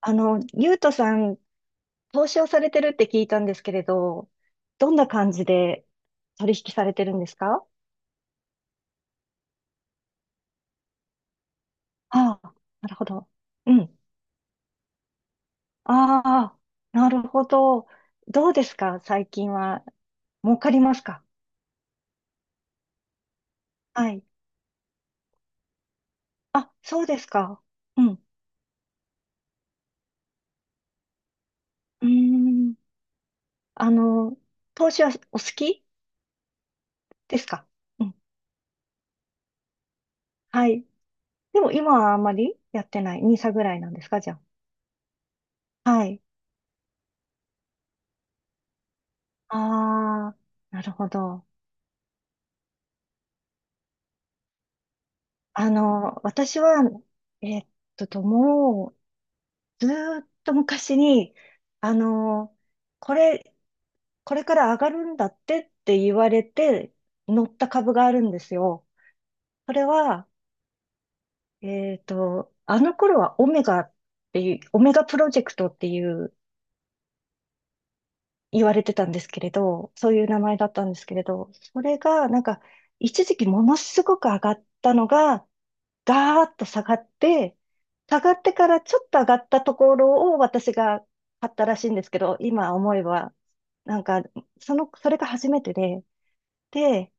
ゆうとさん、投資をされてるって聞いたんですけれど、どんな感じで取引されてるんですか？ああ、なるほど。うん。ああ、なるほど。どうですか最近は。儲かりますか？はい。あ、そうですか。うん。うーん。あの、投資はお好きですか？うん。はい。でも今はあんまりやってない。n i s ぐらいなんですかじゃあ。はい。ああ、なるほど。私は、えっもう、ずーっと昔に、あの、これ、これから上がるんだってって言われて、乗った株があるんですよ。それは、あの頃はオメガっていう、オメガプロジェクトっていう、言われてたんですけれど、そういう名前だったんですけれど、それが、なんか、一時期ものすごく上がったのが、ガーッと下がって、下がってからちょっと上がったところを私が買ったらしいんですけど、今思えば、なんか、その、それが初めてで、で、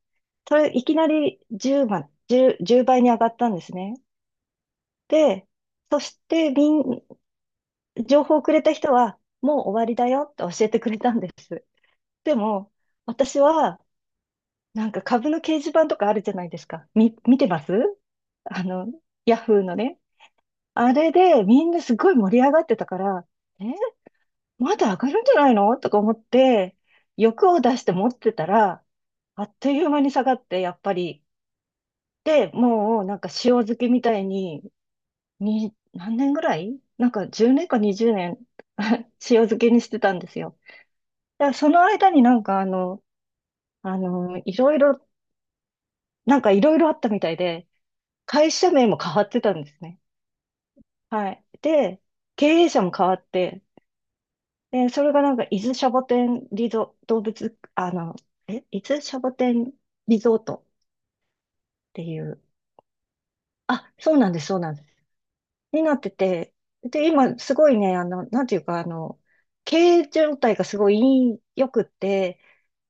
それいきなり10万、1倍に上がったんですね。で、そしてみん、情報をくれた人は、もう終わりだよって教えてくれたんです。でも、私は、なんか株の掲示板とかあるじゃないですか。見てますあの、ヤフーのね。あれでみんなすごい盛り上がってたから、え、まだ上がるんじゃないのとか思って、欲を出して持ってたら、あっという間に下がって、やっぱり。で、もうなんか塩漬けみたいに、に、何年ぐらいなんか10年か20年 塩漬けにしてたんですよ。だからその間になんかあの、いろいろ、なんかいろいろあったみたいで、会社名も変わってたんですね。はい。で、経営者も変わって、で、それがなんか、伊豆シャボテンリゾートっていう、あ、そうなんです、そうなんです。になってて、で、今、すごいね、なんていうか、経営状態がすごい良くって、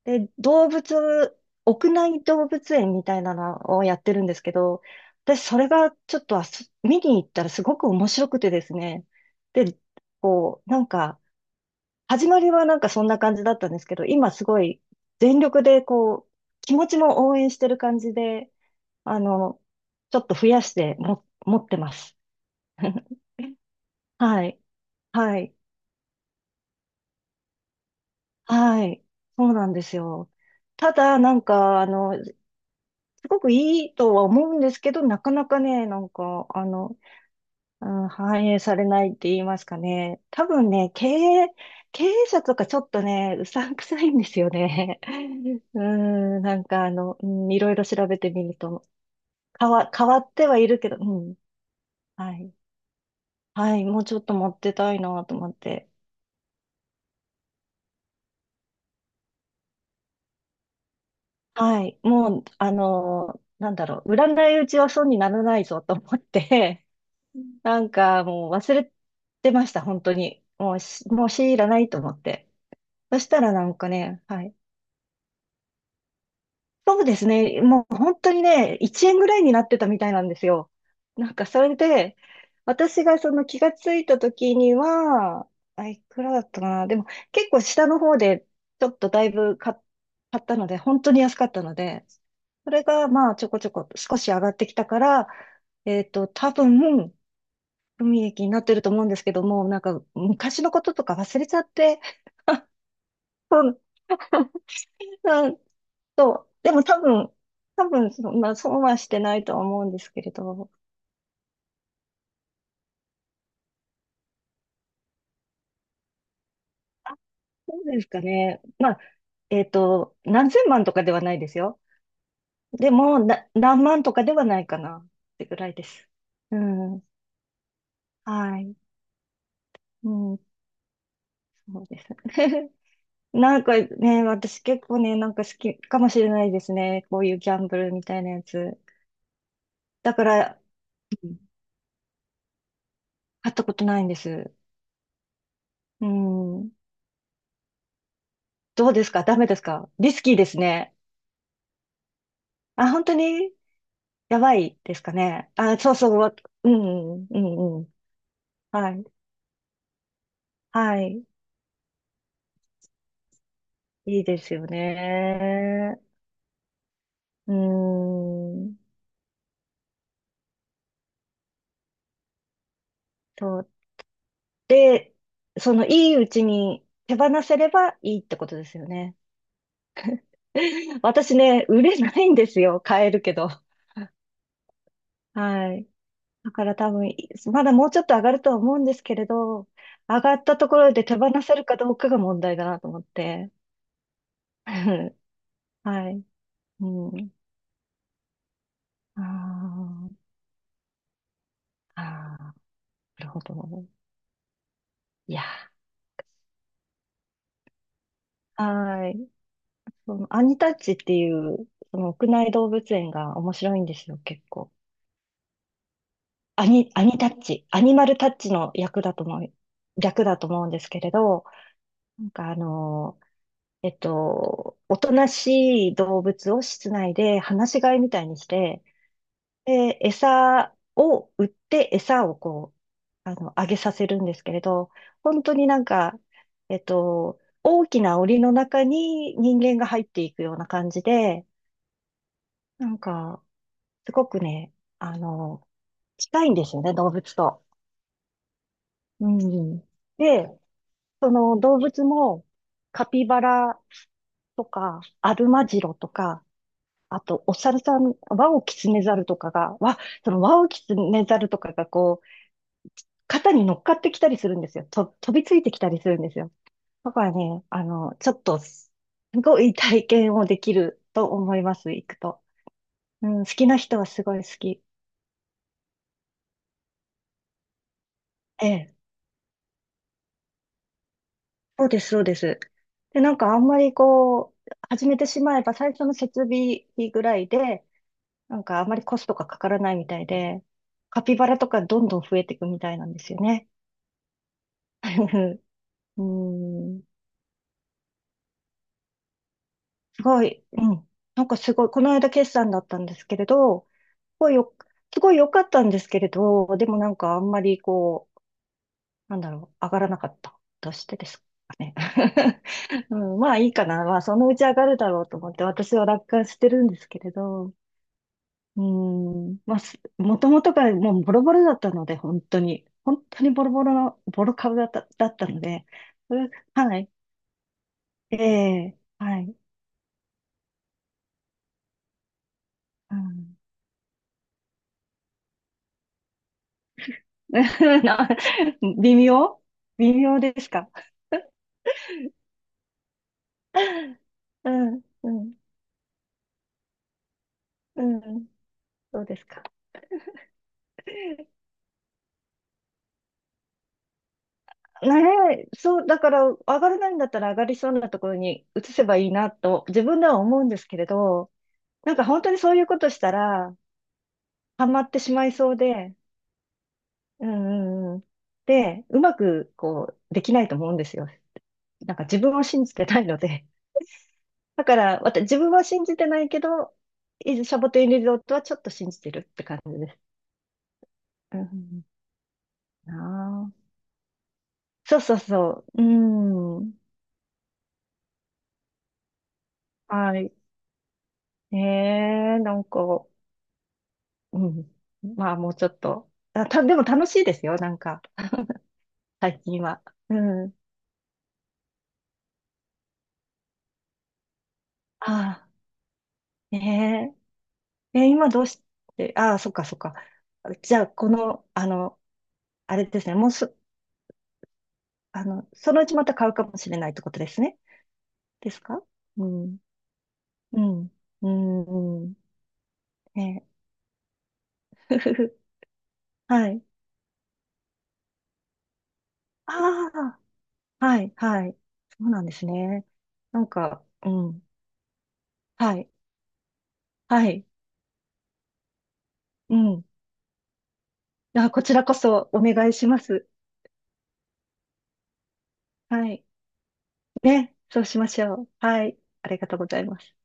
で、動物、屋内動物園みたいなのをやってるんですけど、私、それがちょっとあす見に行ったらすごく面白くてですね、で、こう、なんか、始まりはなんかそんな感じだったんですけど、今すごい全力でこう、気持ちも応援してる感じで、あの、ちょっと増やしても、持ってます。はい、はい、はい、そうなんですよ。ただ、なんか、すごくいいとは思うんですけど、なかなかね、なんか、うん、反映されないって言いますかね。多分ね、経営者とかちょっとね、うさんくさいんですよね。うん、なんかあの、うん、いろいろ調べてみると、変わってはいるけど、うん、はい。はい、もうちょっと持ってたいなと思って。はい、もう、なんだろう、売らないうちは損にならないぞと思って、うん なんかもう忘れてました、本当に。もう強いらないと思って。そしたらなんかね、はい。そうですね。もう本当にね、1円ぐらいになってたみたいなんですよ。なんかそれで、私がその気がついた時には、あ、いくらだったかな。でも結構下の方でちょっとだいぶ買ったので、本当に安かったので、それがまあちょこちょこ少し上がってきたから、えっと、多分、海益になってると思うんですけども、なんか昔のこととか忘れちゃって、そう そう。でも多分、多分そんな、損はしてないとは思うんですけれど。あ、そうですかね。まあ、えっと、何千万とかではないですよ。でも、な、何万とかではないかなってぐらいです。うん。はい。うん。そうです。なんかね、私結構ね、なんか好きかもしれないですね。こういうギャンブルみたいなやつ。だから、うん、買ったことないんです。うん。どうですかダメですかリスキーですね。あ、本当にやばいですかね。あ、そうそう、わ、うん、うん、うん。はい。はい。いいですよね。うーん。と、で、その、いいうちに手放せればいいってことですよね。私ね、売れないんですよ。買えるけど。はい。だから多分、いまだもうちょっと上がるとは思うんですけれど、上がったところで手放せるかどうかが問題だなと思って。はい。うん。あーあー。なるほど。いやはい。そのアニタッチっていう、その屋内動物園が面白いんですよ、結構。アニタッチ、アニマルタッチの役だと思う、略だと思うんですけれど、なんかえっと、おとなしい動物を室内で放し飼いみたいにして、で、餌を売って餌をこう、あげさせるんですけれど、本当になんか、えっと、大きな檻の中に人間が入っていくような感じで、なんか、すごくね、あの、近いんですよね、動物と。うん。で、その動物も、カピバラとか、アルマジロとか、あと、お猿さん、ワオキツネザルとかが、わ、そのワオキツネザルとかがこう、肩に乗っかってきたりするんですよ。と、飛びついてきたりするんですよ。だからね、ちょっと、すごい体験をできると思います、行くと。うん、好きな人はすごい好き。ええ、そうです、そうです。で、なんかあんまりこう、始めてしまえば最初の設備費ぐらいで、なんかあんまりコストがかからないみたいで、カピバラとかどんどん増えていくみたいなんですよね。うん、すごい、うん。なんかすごい、この間決算だったんですけれど、ごいよ、すごい良かったんですけれど、でもなんかあんまりこう、なんだろう、上がらなかったとしてですかね。うん、まあいいかな。まあそのうち上がるだろうと思って私は楽観してるんですけれど、うん、まあす、もともとがもうボロボロだったので、本当に、本当にボロボロの、ボロ株だった、だったので、それはい、ええはい、うん、な、微妙微妙ですか？ うん、うん、うん。そうですか。ねえ、そう、だから、上がらないんだったら上がりそうなところに移せばいいなと、自分では思うんですけれど、なんか本当にそういうことしたら、ハマってしまいそうで、うんうんうん。で、うまく、こう、できないと思うんですよ。なんか自分を信じてないので。だから、私、自分は信じてないけど、伊豆シャボテンリゾートはちょっと信じてるって感じです。うん、ああ。そうそうそう。うん。はい。ええ、なんか、うん。まあ、もうちょっと。あ、た、でも楽しいですよ、なんか、最近は。うん。ああ、ねえ。え、今どうして、ああ、そっかそっか。じゃあ、この、あれですね、もうそ、そのうちまた買うかもしれないってことですね。ですか？うん。うん。うん。うんねえ。ふふふはい。ああ、はい、はい。そうなんですね。なんか、うん。はい、はい。うん。あ、こちらこそお願いします。はい。ね、そうしましょう。はい、ありがとうございます。